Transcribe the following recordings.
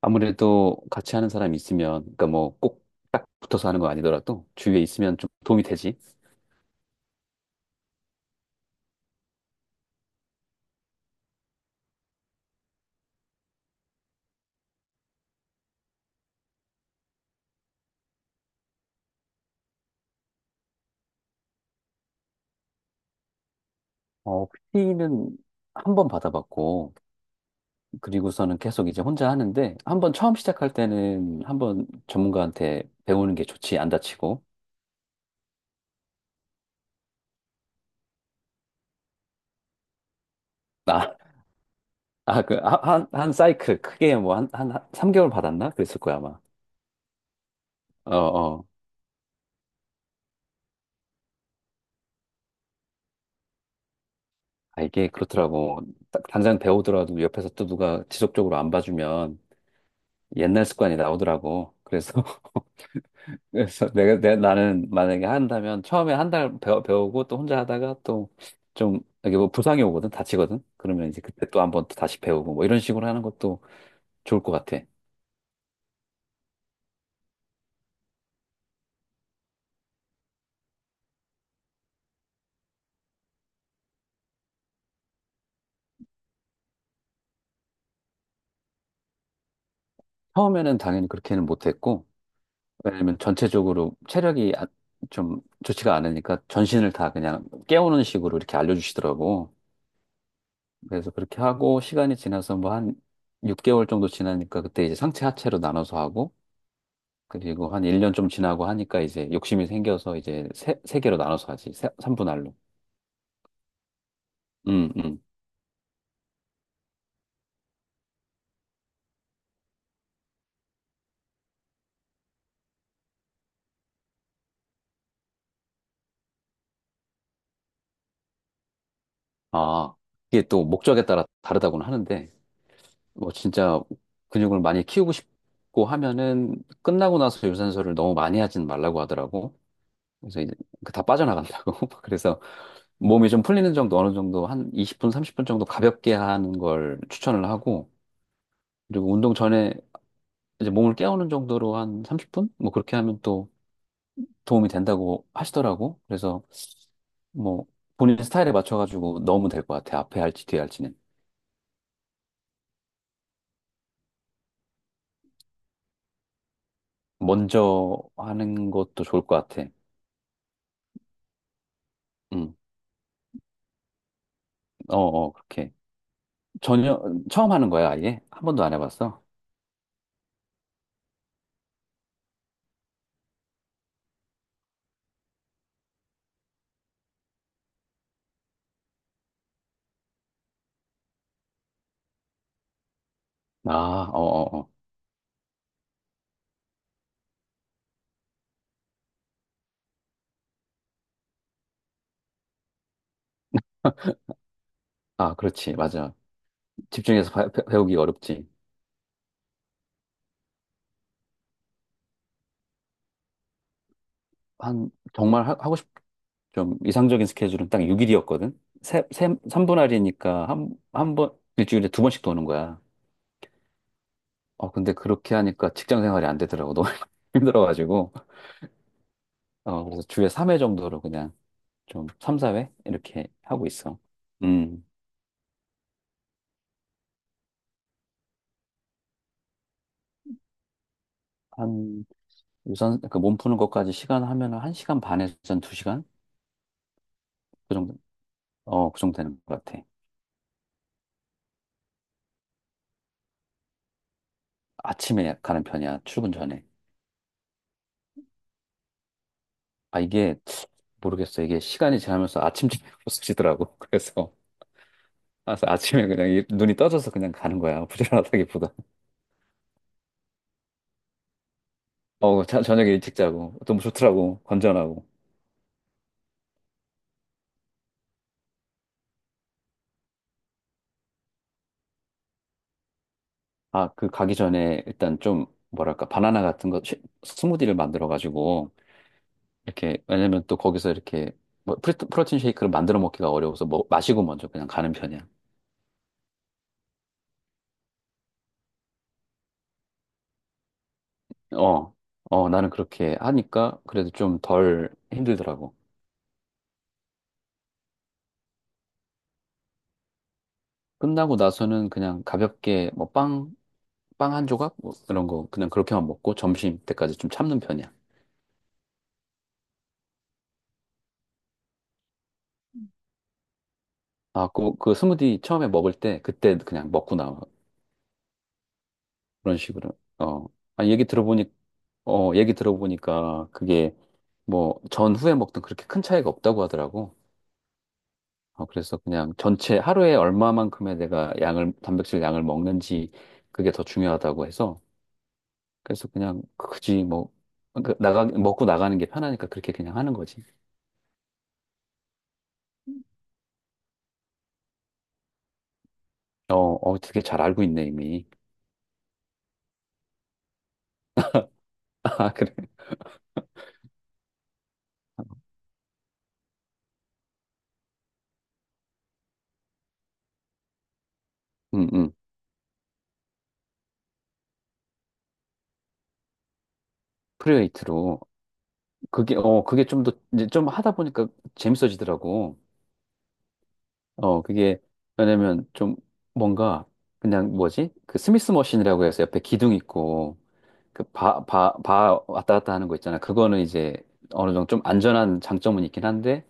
아무래도 같이 하는 사람이 있으면, 그러니까 뭐 꼭 딱 붙어서 하는 거 아니더라도 주위에 있으면 좀 도움이 되지. PT 는 한 번 받아봤고, 그리고서는 계속 이제 혼자 하는데, 한 번 처음 시작할 때는 한 번 전문가한테 배우는 게 좋지, 안 다치고. 나, 아, 그, 한, 한, 한 사이클 크게 뭐 삼 3개월 받았나? 그랬을 거야, 아마. 어, 어. 아, 이게 그렇더라고. 딱 당장 배우더라도 옆에서 또 누가 지속적으로 안 봐주면 옛날 습관이 나오더라고. 그래서 그래서 나는 만약에 한다면 처음에 한 달 배우고 또 혼자 하다가 또 좀 이게 뭐 부상이 오거든 다치거든 그러면 이제 그때 또 한번 또 다시 배우고 뭐 이런 식으로 하는 것도 좋을 것 같아. 처음에는 당연히 그렇게는 못했고 왜냐면 전체적으로 체력이 좀 좋지가 않으니까 전신을 다 그냥 깨우는 식으로 이렇게 알려주시더라고. 그래서 그렇게 하고 시간이 지나서 뭐 한 6개월 정도 지나니까 그때 이제 상체 하체로 나눠서 하고 그리고 한 1년 좀 지나고 하니까 이제 욕심이 생겨서 이제 세 개로 나눠서 하지. 3분할로. 음, 음. 아, 이게 또 목적에 따라 다르다고는 하는데, 뭐 진짜 근육을 많이 키우고 싶고 하면은 끝나고 나서 유산소를 너무 많이 하진 말라고 하더라고. 그래서 이제 그다 빠져나간다고. 그래서 몸이 좀 풀리는 정도 어느 정도 한 20분, 30분 정도 가볍게 하는 걸 추천을 하고, 그리고 운동 전에 이제 몸을 깨우는 정도로 한 30분? 뭐 그렇게 하면 또 도움이 된다고 하시더라고. 그래서 뭐 본인 스타일에 맞춰가지고 넣으면 될 것 같아. 앞에 할지 뒤에 할지는. 먼저 하는 것도 좋을 것 같아. 응. 어, 어, 그렇게. 전혀 처음 하는 거야, 아예? 한 번도 안 해봤어? 아, 어, 어, 어. 아, 그렇지. 맞아. 집중해서 배, 우기 어렵지. 한 정말 하, 고 싶, 좀 이상적인 스케줄은 딱 6일이었거든. 3분 할이니까 한 번, 일주일에 두 번씩 도는 거야. 근데 그렇게 하니까 직장 생활이 안 되더라고. 너무 힘들어가지고. 그래서 주에 3회 정도로 그냥 좀 3, 4회 이렇게 하고 있어. 음. 한 유산 그 몸 푸는 것까지 시간 하면 한 1시간 반에서 한 2시간 그 정도 그 정도 되는 것 같아. 아침에 가는 편이야. 출근 전에. 아 이게 모르겠어. 이게 시간이 지나면서 아침잠이 없어지더라고. 그래서 아침에 그냥 눈이 떠져서 그냥 가는 거야. 부지런하다기보다. 저녁에 일찍 자고 너무 좋더라고. 건전하고. 아, 그 가기 전에 일단 좀 뭐랄까 바나나 같은 거 스무디를 만들어 가지고 이렇게, 왜냐면 또 거기서 이렇게, 뭐, 프로틴 쉐이크를 만들어 먹기가 어려워서 뭐, 마시고 먼저 그냥 가는 편이야. 어, 어, 나는 그렇게 하니까 그래도 좀 덜 힘들더라고. 끝나고 나서는 그냥 가볍게 뭐, 빵 한 조각? 뭐, 이런 거 그냥 그렇게만 먹고 점심 때까지 좀 참는 편이야. 아, 그 스무디 처음에 먹을 때 그때 그냥 먹고 나와. 그런 식으로. 어, 아, 얘기 들어보니, 얘기 들어보니까 그게 뭐, 전후에 먹던 그렇게 큰 차이가 없다고 하더라고. 그래서 그냥 전체 하루에 얼마만큼의 내가 단백질 양을 먹는지 그게 더 중요하다고 해서 그래서 그냥 굳이 뭐, 먹고 나가는 게 편하니까 그렇게 그냥 하는 거지. 어, 어, 되게 잘 알고 있네, 이미. 아, 그래. 응, 응. 프리웨이트로. 그게 좀 더, 이제 좀 하다 보니까 재밌어지더라고. 그게, 왜냐면 좀 뭔가 그냥 뭐지? 그 스미스 머신이라고 해서 옆에 기둥 있고 그 바 왔다 갔다 하는 거 있잖아. 그거는 이제 어느 정도 좀 안전한 장점은 있긴 한데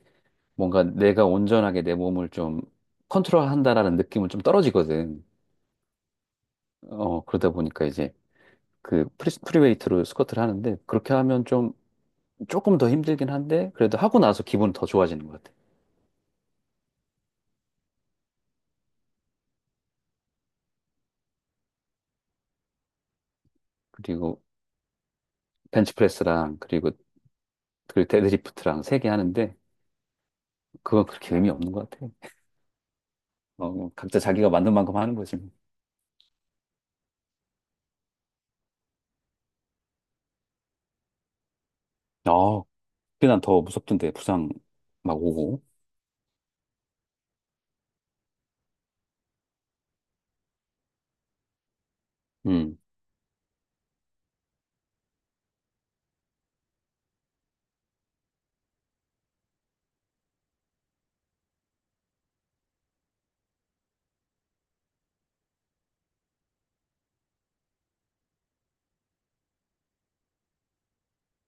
뭔가 내가 온전하게 내 몸을 좀 컨트롤한다라는 느낌은 좀 떨어지거든. 그러다 보니까 이제 그 프리웨이트로 스쿼트를 하는데 그렇게 하면 좀 조금 더 힘들긴 한데 그래도 하고 나서 기분은 더 좋아지는 것 같아. 그리고 벤치프레스랑 그리고 그 데드리프트랑 세 개 하는데 그건 그렇게 의미 없는 것 같아. 각자 자기가 만든 만큼 하는 거지. 어, 그게 난 더 무섭던데 부상 막 오고. 음,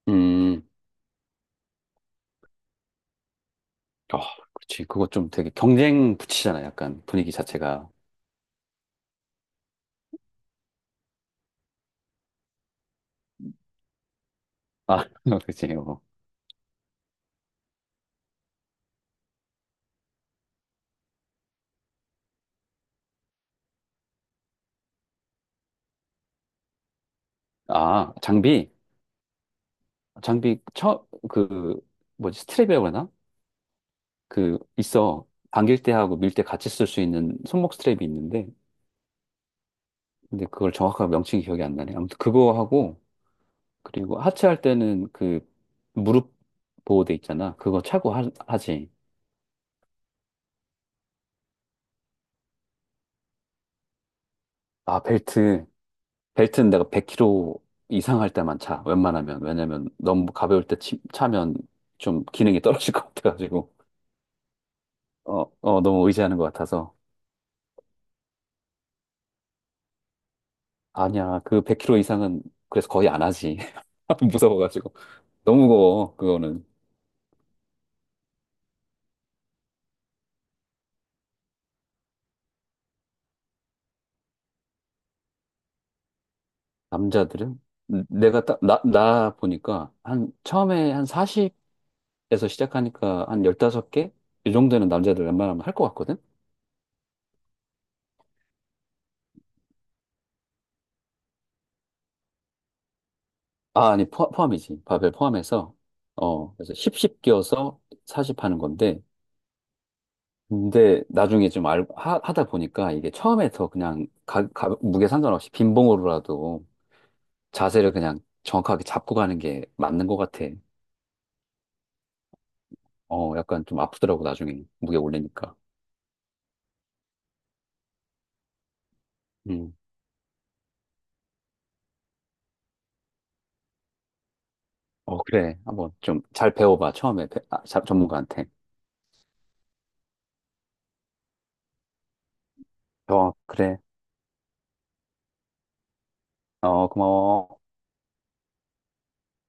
음, 아, 그렇지. 그거 좀 되게 경쟁 붙이잖아. 약간 분위기 자체가. 아, 그렇지. 어. 아, 장비, 그, 뭐지, 스트랩이라고 하나? 그, 있어. 당길 때 하고 밀 때 같이 쓸 수 있는 손목 스트랩이 있는데, 근데 그걸 정확하게 명칭이 기억이 안 나네. 아무튼 그거 하고, 그리고 하체 할 때는 그, 무릎 보호대 있잖아. 그거 차고 하지. 아, 벨트. 벨트는 내가 100kg 이상 할 때만 차. 웬만하면. 왜냐면 너무 가벼울 때 차면 좀 기능이 떨어질 것 같아가지고. 어, 어, 너무 의지하는 것 같아서. 아니야. 그 100kg 이상은 그래서 거의 안 하지. 무서워가지고. 너무 무거워. 그거는. 남자들은? 내가 나 보니까 한 처음에 한 40에서 시작하니까 한 15개? 이 정도는 남자들 웬만하면 할 것 같거든? 아, 아니, 함이지 바벨 포함해서. 그래서 10, 10 끼워서 40 하는 건데, 근데 나중에 좀 하다 보니까 이게 처음에 더 그냥 무게 상관없이 빈봉으로라도 자세를 그냥 정확하게 잡고 가는 게 맞는 것 같아. 약간 좀 아프더라고, 나중에 무게 올리니까. 음. 어, 그래. 한번 좀 잘 배워봐, 처음에. 전문가한테. 어, 그래. 어, 고마워.